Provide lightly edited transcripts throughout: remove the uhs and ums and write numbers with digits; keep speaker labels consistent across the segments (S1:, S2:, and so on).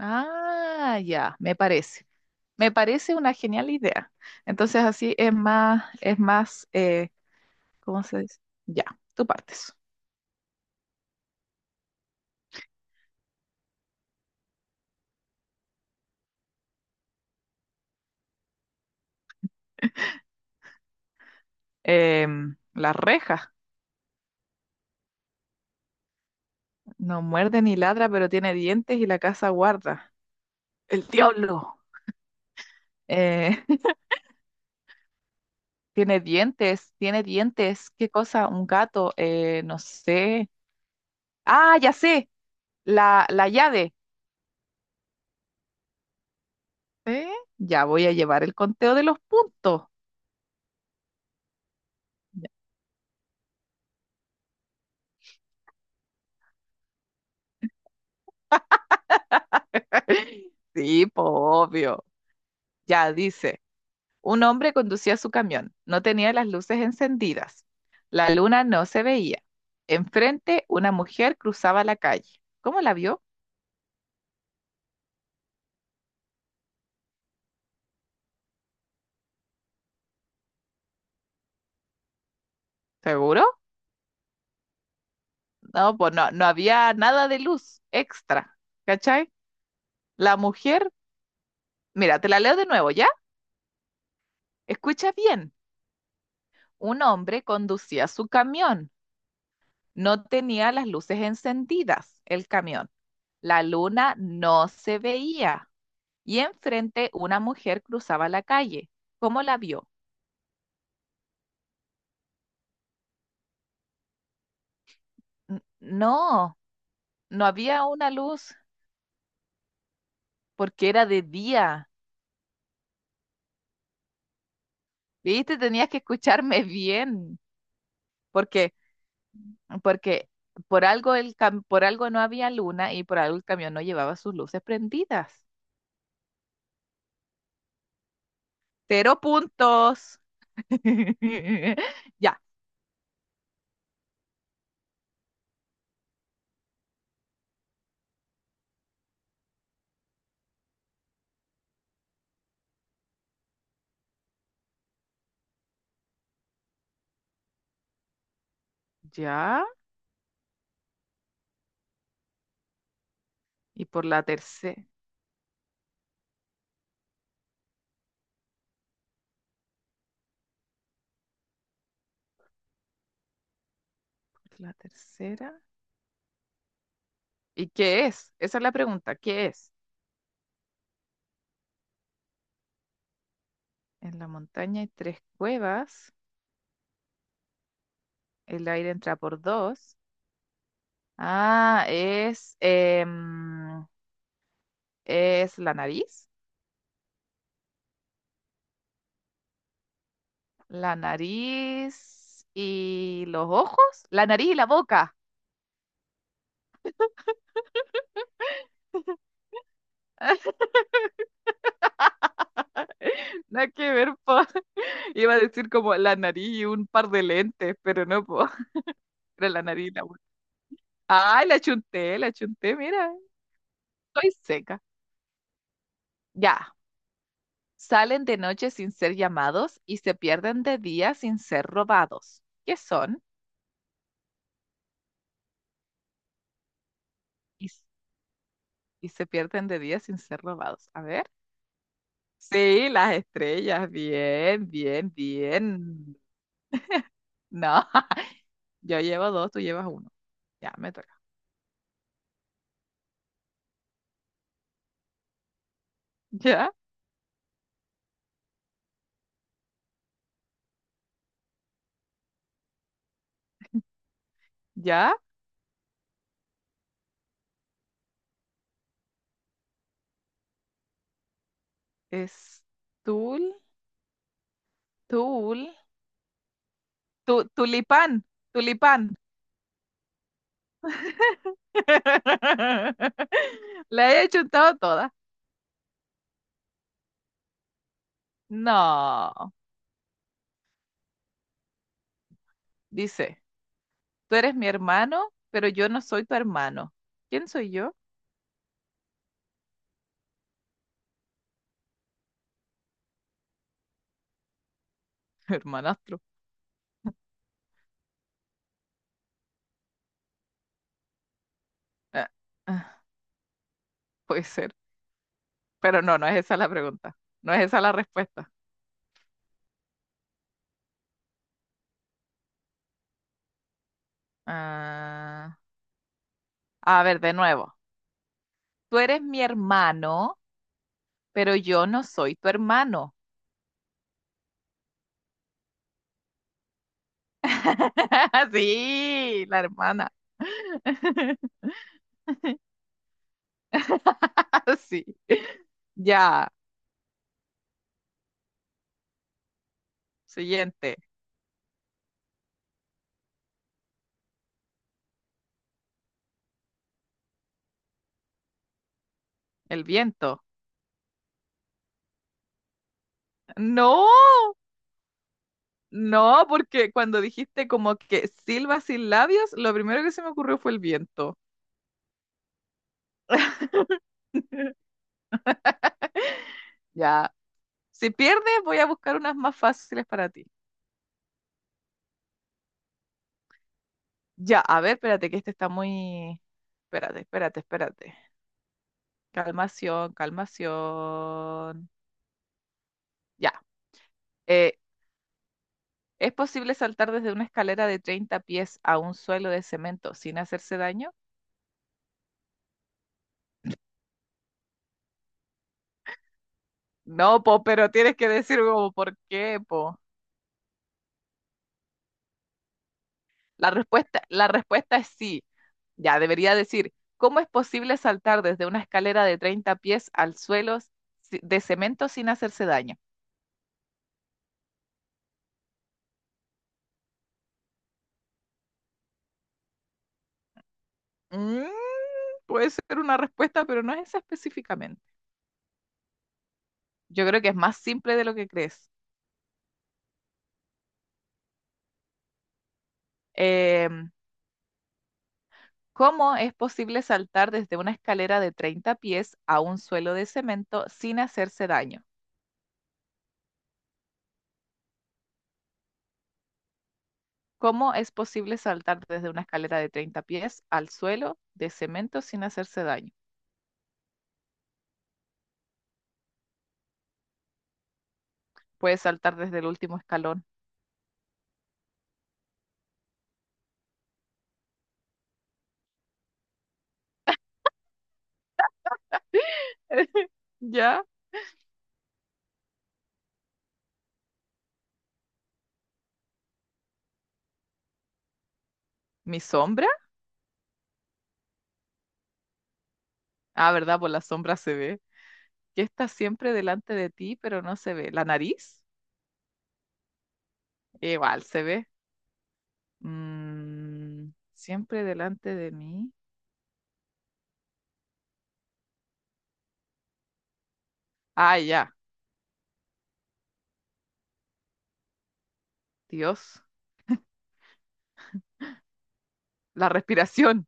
S1: Ah, ya, me parece. Me parece una genial idea. Entonces así es más, ¿cómo se dice? Ya, tú partes. La reja no muerde ni ladra, pero tiene dientes y la casa guarda. El diablo. Eh, Tiene dientes, tiene dientes. ¿Qué cosa? Un gato, no sé. Ah, ya sé, la llave. ¿Eh? Ya voy a llevar el conteo de los puntos. Sí, po, obvio. Ya dice. Un hombre conducía su camión. No tenía las luces encendidas. La luna no se veía. Enfrente, una mujer cruzaba la calle. ¿Cómo la vio? ¿Seguro? No, pues no, no había nada de luz extra. ¿Cachai? La mujer, mira, te la leo de nuevo, ¿ya? Escucha bien. Un hombre conducía su camión. No tenía las luces encendidas, el camión. La luna no se veía. Y enfrente, una mujer cruzaba la calle. ¿Cómo la vio? No, no había una luz porque era de día. ¿Viste? Tenías que escucharme bien porque, porque por algo no había luna y por algo el camión no llevaba sus luces prendidas. Cero puntos. Ya, ya. Y por la tercera, la tercera. ¿Y qué es? Esa es la pregunta. ¿Qué es? En la montaña hay tres cuevas. El aire entra por dos. Ah, es la nariz y los ojos, la nariz y la boca. Nada que ver, po. Iba a decir como la nariz y un par de lentes, pero no, po. Ay, la chunté, mira, estoy seca. Ya, salen de noche sin ser llamados y se pierden de día sin ser robados. ¿Qué son? Y se pierden de día sin ser robados. A ver. Sí, las estrellas, bien, bien, bien. No, yo llevo dos, tú llevas uno. Ya, me toca. Ya, ya, es tul, tul, tulipán, tulipán. La he chuntado toda. No, dice, tú eres mi hermano, pero yo no soy tu hermano. ¿Quién soy yo? Hermano. Ah, ah, puede ser, pero no es esa la pregunta. No es esa la respuesta. Ah, a ver, de nuevo. Tú eres mi hermano, pero yo no soy tu hermano. Sí, la hermana. Así. Ya. Siguiente. El viento. No. No, porque cuando dijiste como que silba sin labios, lo primero que se me ocurrió fue el viento. Ya. Si pierdes, voy a buscar unas más fáciles para ti. Ya, a ver, espérate, que este está muy... Espérate, espérate, espérate. Calmación, calmación. Ya. Eh, ¿Es posible saltar desde una escalera de 30 pies a un suelo de cemento sin hacerse daño? No, po, pero tienes que decir como por qué, po. La respuesta es sí. Ya, debería decir, ¿cómo es posible saltar desde una escalera de 30 pies al suelo de cemento sin hacerse daño? Mm, puede ser una respuesta, pero no es esa específicamente. Yo creo que es más simple de lo que crees. Em, ¿Cómo es posible saltar desde una escalera de 30 pies a un suelo de cemento sin hacerse daño? ¿Cómo es posible saltar desde una escalera de 30 pies al suelo de cemento sin hacerse daño? Puedes saltar desde el último escalón. ¿Ya? ¿Mi sombra? Ah, ¿verdad? Por la sombra se ve. Que está siempre delante de ti, pero no se ve. ¿La nariz? Igual se ve. Siempre delante de mí. Ah, ya. Dios. La respiración.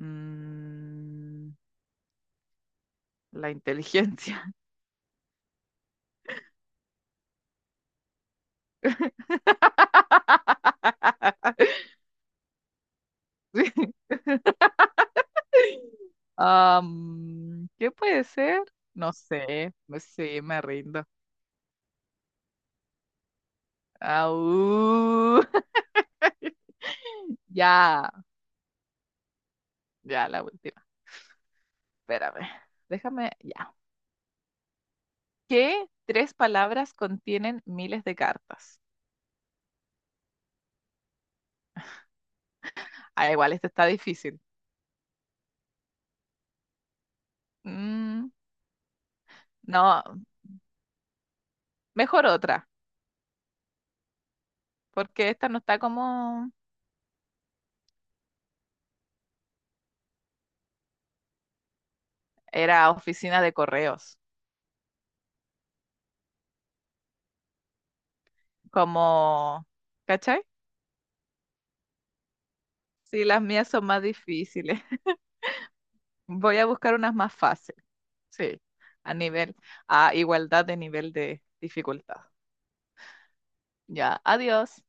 S1: Mm, la inteligencia. Sí. ¿Qué puede ser? Sí, me rindo. Au. Ya, ya, la última. Espérame. Déjame. Ya. ¿Qué tres palabras contienen miles de cartas? Ah, igual, esta está difícil. Mm, no, mejor otra, porque esta no está como... Era oficina de correos, como... ¿Cachai? Sí, las mías son más difíciles. Voy a buscar unas más fáciles, a nivel, a igualdad de nivel de dificultad. Ya, adiós.